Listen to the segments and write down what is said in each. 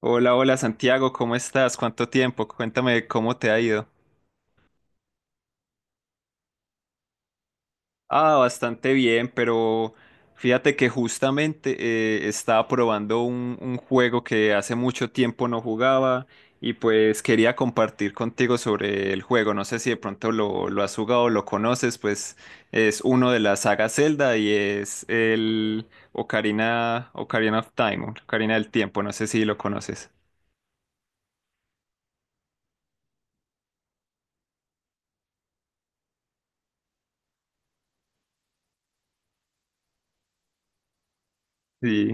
Hola, hola Santiago, ¿cómo estás? ¿Cuánto tiempo? Cuéntame cómo te ha ido. Ah, bastante bien, pero fíjate que justamente estaba probando un juego que hace mucho tiempo no jugaba y pues quería compartir contigo sobre el juego. No sé si de pronto lo has jugado o lo conoces, pues es uno de la saga Zelda y es el Ocarina, Ocarina of Time, Ocarina del Tiempo, no sé si lo conoces. Sí,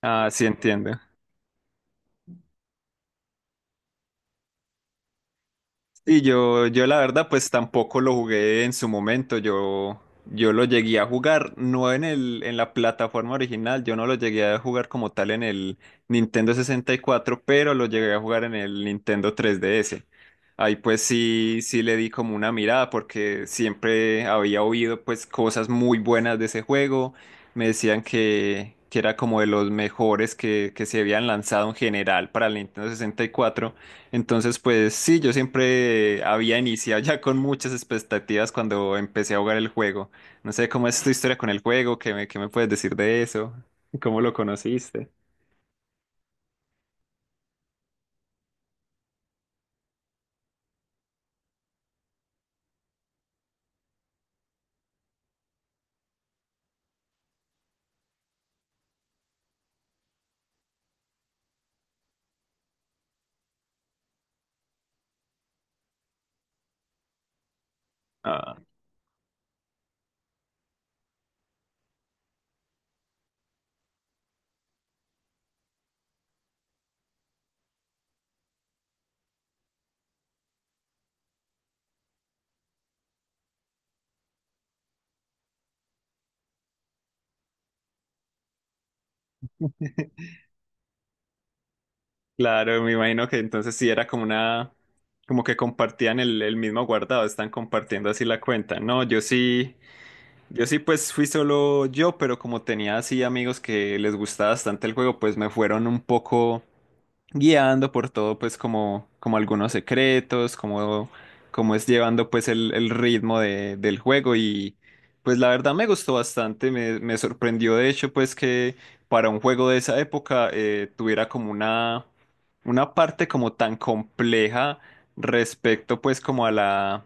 ah, sí entiendo. Sí, yo la verdad pues tampoco lo jugué en su momento, yo lo llegué a jugar, no en la plataforma original, yo no lo llegué a jugar como tal en el Nintendo 64, pero lo llegué a jugar en el Nintendo 3DS. Ahí pues sí, sí le di como una mirada porque siempre había oído pues cosas muy buenas de ese juego, me decían que era como de los mejores que se habían lanzado en general para el Nintendo 64. Entonces, pues sí, yo siempre había iniciado ya con muchas expectativas cuando empecé a jugar el juego. No sé cómo es tu historia con el juego, qué me puedes decir de eso, cómo lo conociste. Ah, claro, me imagino que entonces sí era como una, como que compartían el mismo guardado, están compartiendo así la cuenta. No, yo sí pues fui solo yo, pero como tenía así amigos que les gustaba bastante el juego, pues me fueron un poco guiando por todo, pues como algunos secretos, como es llevando pues el ritmo del juego. Y pues la verdad me gustó bastante, me sorprendió de hecho pues que para un juego de esa época tuviera como una parte como tan compleja respecto pues como a la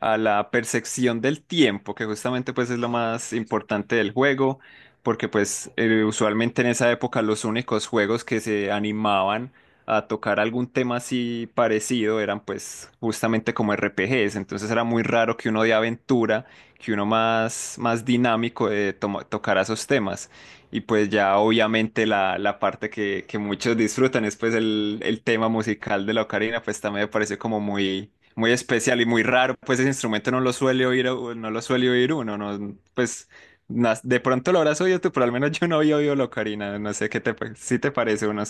a la percepción del tiempo, que justamente pues es lo más importante del juego, porque pues usualmente en esa época los únicos juegos que se animaban a tocar algún tema así parecido eran pues justamente como RPGs, entonces era muy raro que uno de aventura, que uno más dinámico tocara esos temas. Y pues ya obviamente la parte que muchos disfrutan es pues el tema musical de la ocarina, pues también me pareció como muy muy especial y muy raro, pues ese instrumento no lo suele oír, uno, no, pues de pronto lo habrás oído tú, pero al menos yo no había oído la ocarina, no sé si te parece o no.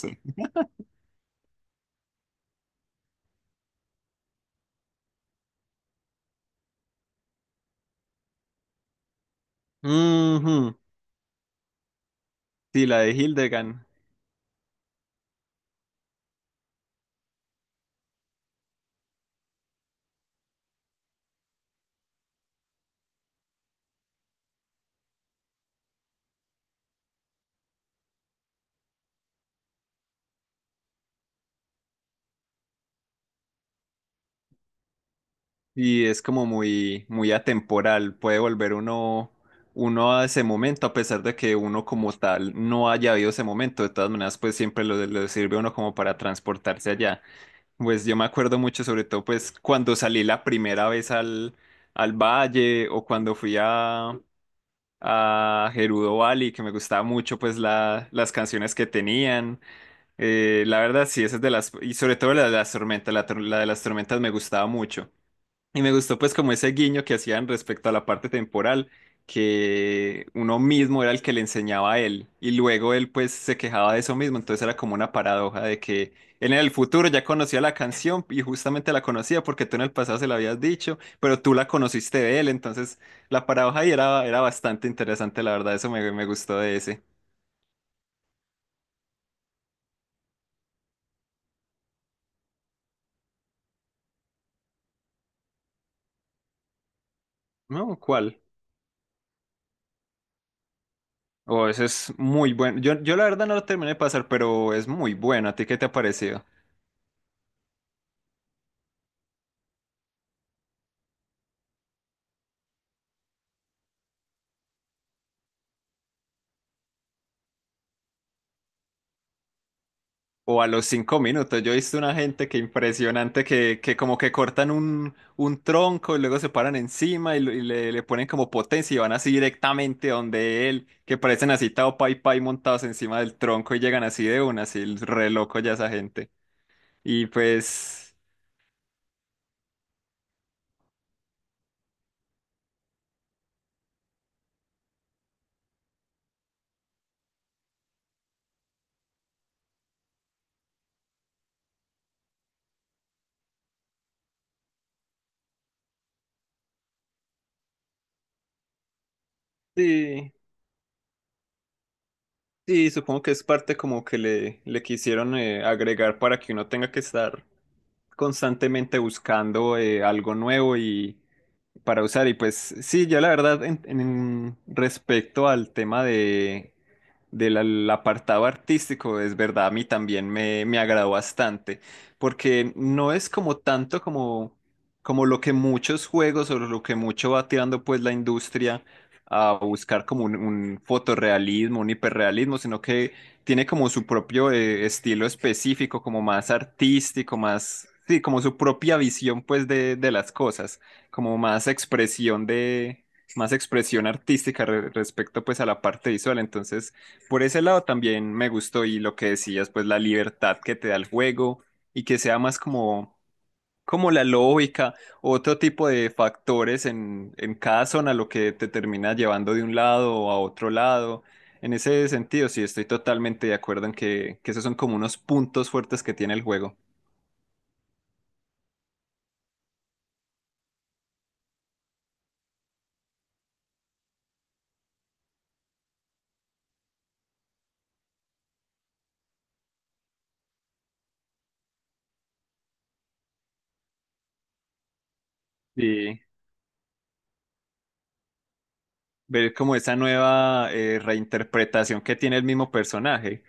Ujú. Sí, la de Hildegard. Y es como muy, muy atemporal. Puede volver uno a ese momento, a pesar de que uno como tal no haya habido ese momento. De todas maneras, pues siempre lo sirve a uno como para transportarse allá. Pues yo me acuerdo mucho, sobre todo, pues cuando salí la primera vez al valle o cuando fui a Gerudo Valley, que me gustaba mucho, pues las canciones que tenían. La verdad, sí, esa es de las, y sobre todo la de las tormentas, la de las tormentas me gustaba mucho. Y me gustó pues como ese guiño que hacían respecto a la parte temporal, que uno mismo era el que le enseñaba a él y luego él pues se quejaba de eso mismo, entonces era como una paradoja de que él en el futuro ya conocía la canción y justamente la conocía porque tú en el pasado se la habías dicho, pero tú la conociste de él, entonces la paradoja ahí era bastante interesante, la verdad, eso me gustó de ese. No, ¿cuál? Oh, ese es muy bueno. Yo la verdad no lo terminé de pasar, pero es muy bueno. ¿A ti qué te ha parecido? O a los 5 minutos. Yo he visto una gente que impresionante que como que cortan un tronco y luego se paran encima y le ponen como potencia y van así directamente donde él, que parecen así Tao Pai Pai montados encima del tronco y llegan así de una, así el re loco ya esa gente. Y pues sí, sí, supongo que es parte como que le quisieron agregar para que uno tenga que estar constantemente buscando algo nuevo y para usar. Y pues sí, yo la verdad, respecto al tema apartado artístico, es verdad, a mí también me agradó bastante, porque no es como tanto como lo que muchos juegos o lo que mucho va tirando pues la industria a buscar como un fotorrealismo, un hiperrealismo, sino que tiene como su propio estilo específico, como más artístico, más, sí, como su propia visión pues de las cosas como más expresión artística respecto pues a la parte visual. Entonces, por ese lado también me gustó y lo que decías, pues la libertad que te da el juego y que sea más como la lógica, otro tipo de factores en cada zona, lo que te termina llevando de un lado a otro lado. En ese sentido, sí, estoy totalmente de acuerdo en que esos son como unos puntos fuertes que tiene el juego. Sí. Ver como esa nueva reinterpretación que tiene el mismo personaje.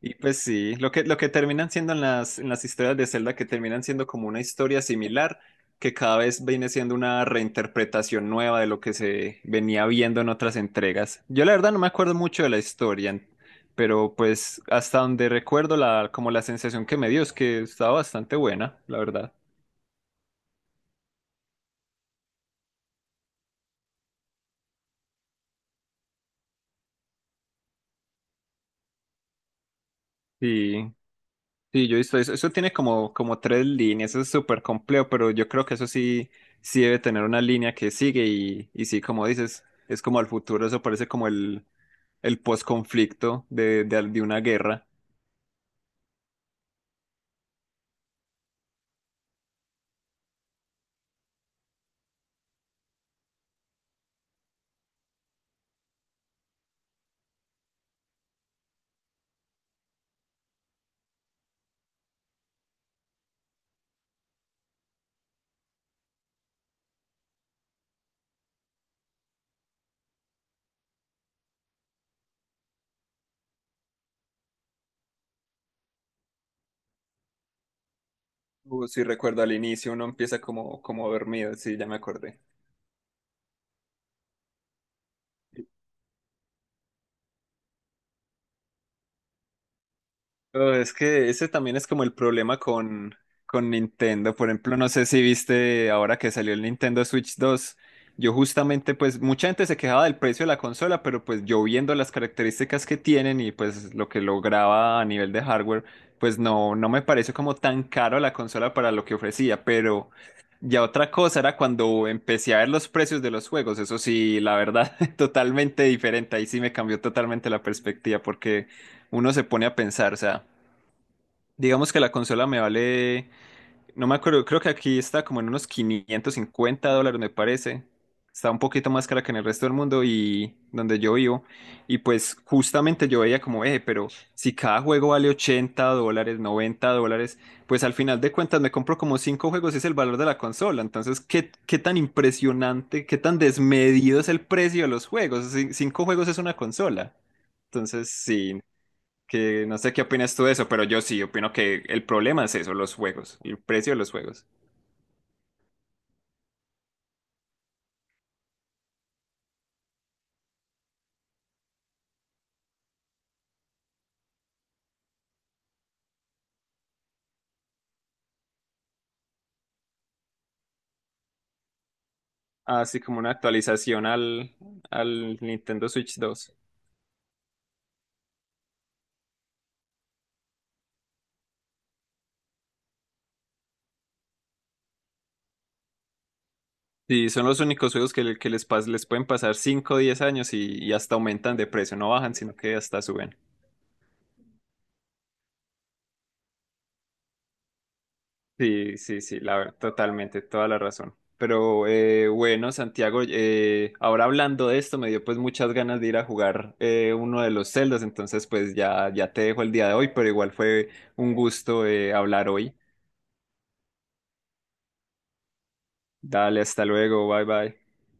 Y pues sí, lo que terminan siendo en las historias de Zelda, que terminan siendo como una historia similar, que cada vez viene siendo una reinterpretación nueva de lo que se venía viendo en otras entregas. Yo la verdad no me acuerdo mucho de la historia, pero pues hasta donde recuerdo como la sensación que me dio es que estaba bastante buena, la verdad. Sí, sí, yo he visto eso. Eso tiene como tres líneas, eso es súper complejo, pero yo creo que eso sí, sí debe tener una línea que sigue y sí, como dices, es como al futuro, eso parece como el post-conflicto de una guerra. O si recuerdo al inicio, uno empieza como dormido, sí, ya me acordé. Oh, es que ese también es como el problema con Nintendo. Por ejemplo, no sé si viste ahora que salió el Nintendo Switch 2. Yo justamente, pues mucha gente se quejaba del precio de la consola, pero pues yo viendo las características que tienen y pues lo que lograba a nivel de hardware, pues no me pareció como tan caro la consola para lo que ofrecía. Pero ya otra cosa era cuando empecé a ver los precios de los juegos. Eso sí, la verdad, totalmente diferente. Ahí sí me cambió totalmente la perspectiva porque uno se pone a pensar, o sea. Digamos que la consola me vale, no me acuerdo, creo que aquí está como en unos $550, me parece. Está un poquito más cara que en el resto del mundo y donde yo vivo. Y pues justamente yo veía como, pero si cada juego vale $80, $90, pues al final de cuentas me compro como 5 juegos y es el valor de la consola. Entonces, ¿qué tan impresionante, qué tan desmedido es el precio de los juegos? Cinco juegos es una consola. Entonces, sí que no sé qué opinas tú de eso, pero yo sí opino que el problema es eso, los juegos, el precio de los juegos. Así como una actualización al Nintendo Switch 2. Sí, son los únicos juegos que les pueden pasar 5 o 10 años y hasta aumentan de precio, no bajan, sino que hasta suben. Sí, sí, sí, totalmente, toda la razón. Pero bueno, Santiago, ahora hablando de esto, me dio pues muchas ganas de ir a jugar uno de los celdas, entonces pues ya, ya te dejo el día de hoy, pero igual fue un gusto hablar hoy. Dale, hasta luego, bye bye.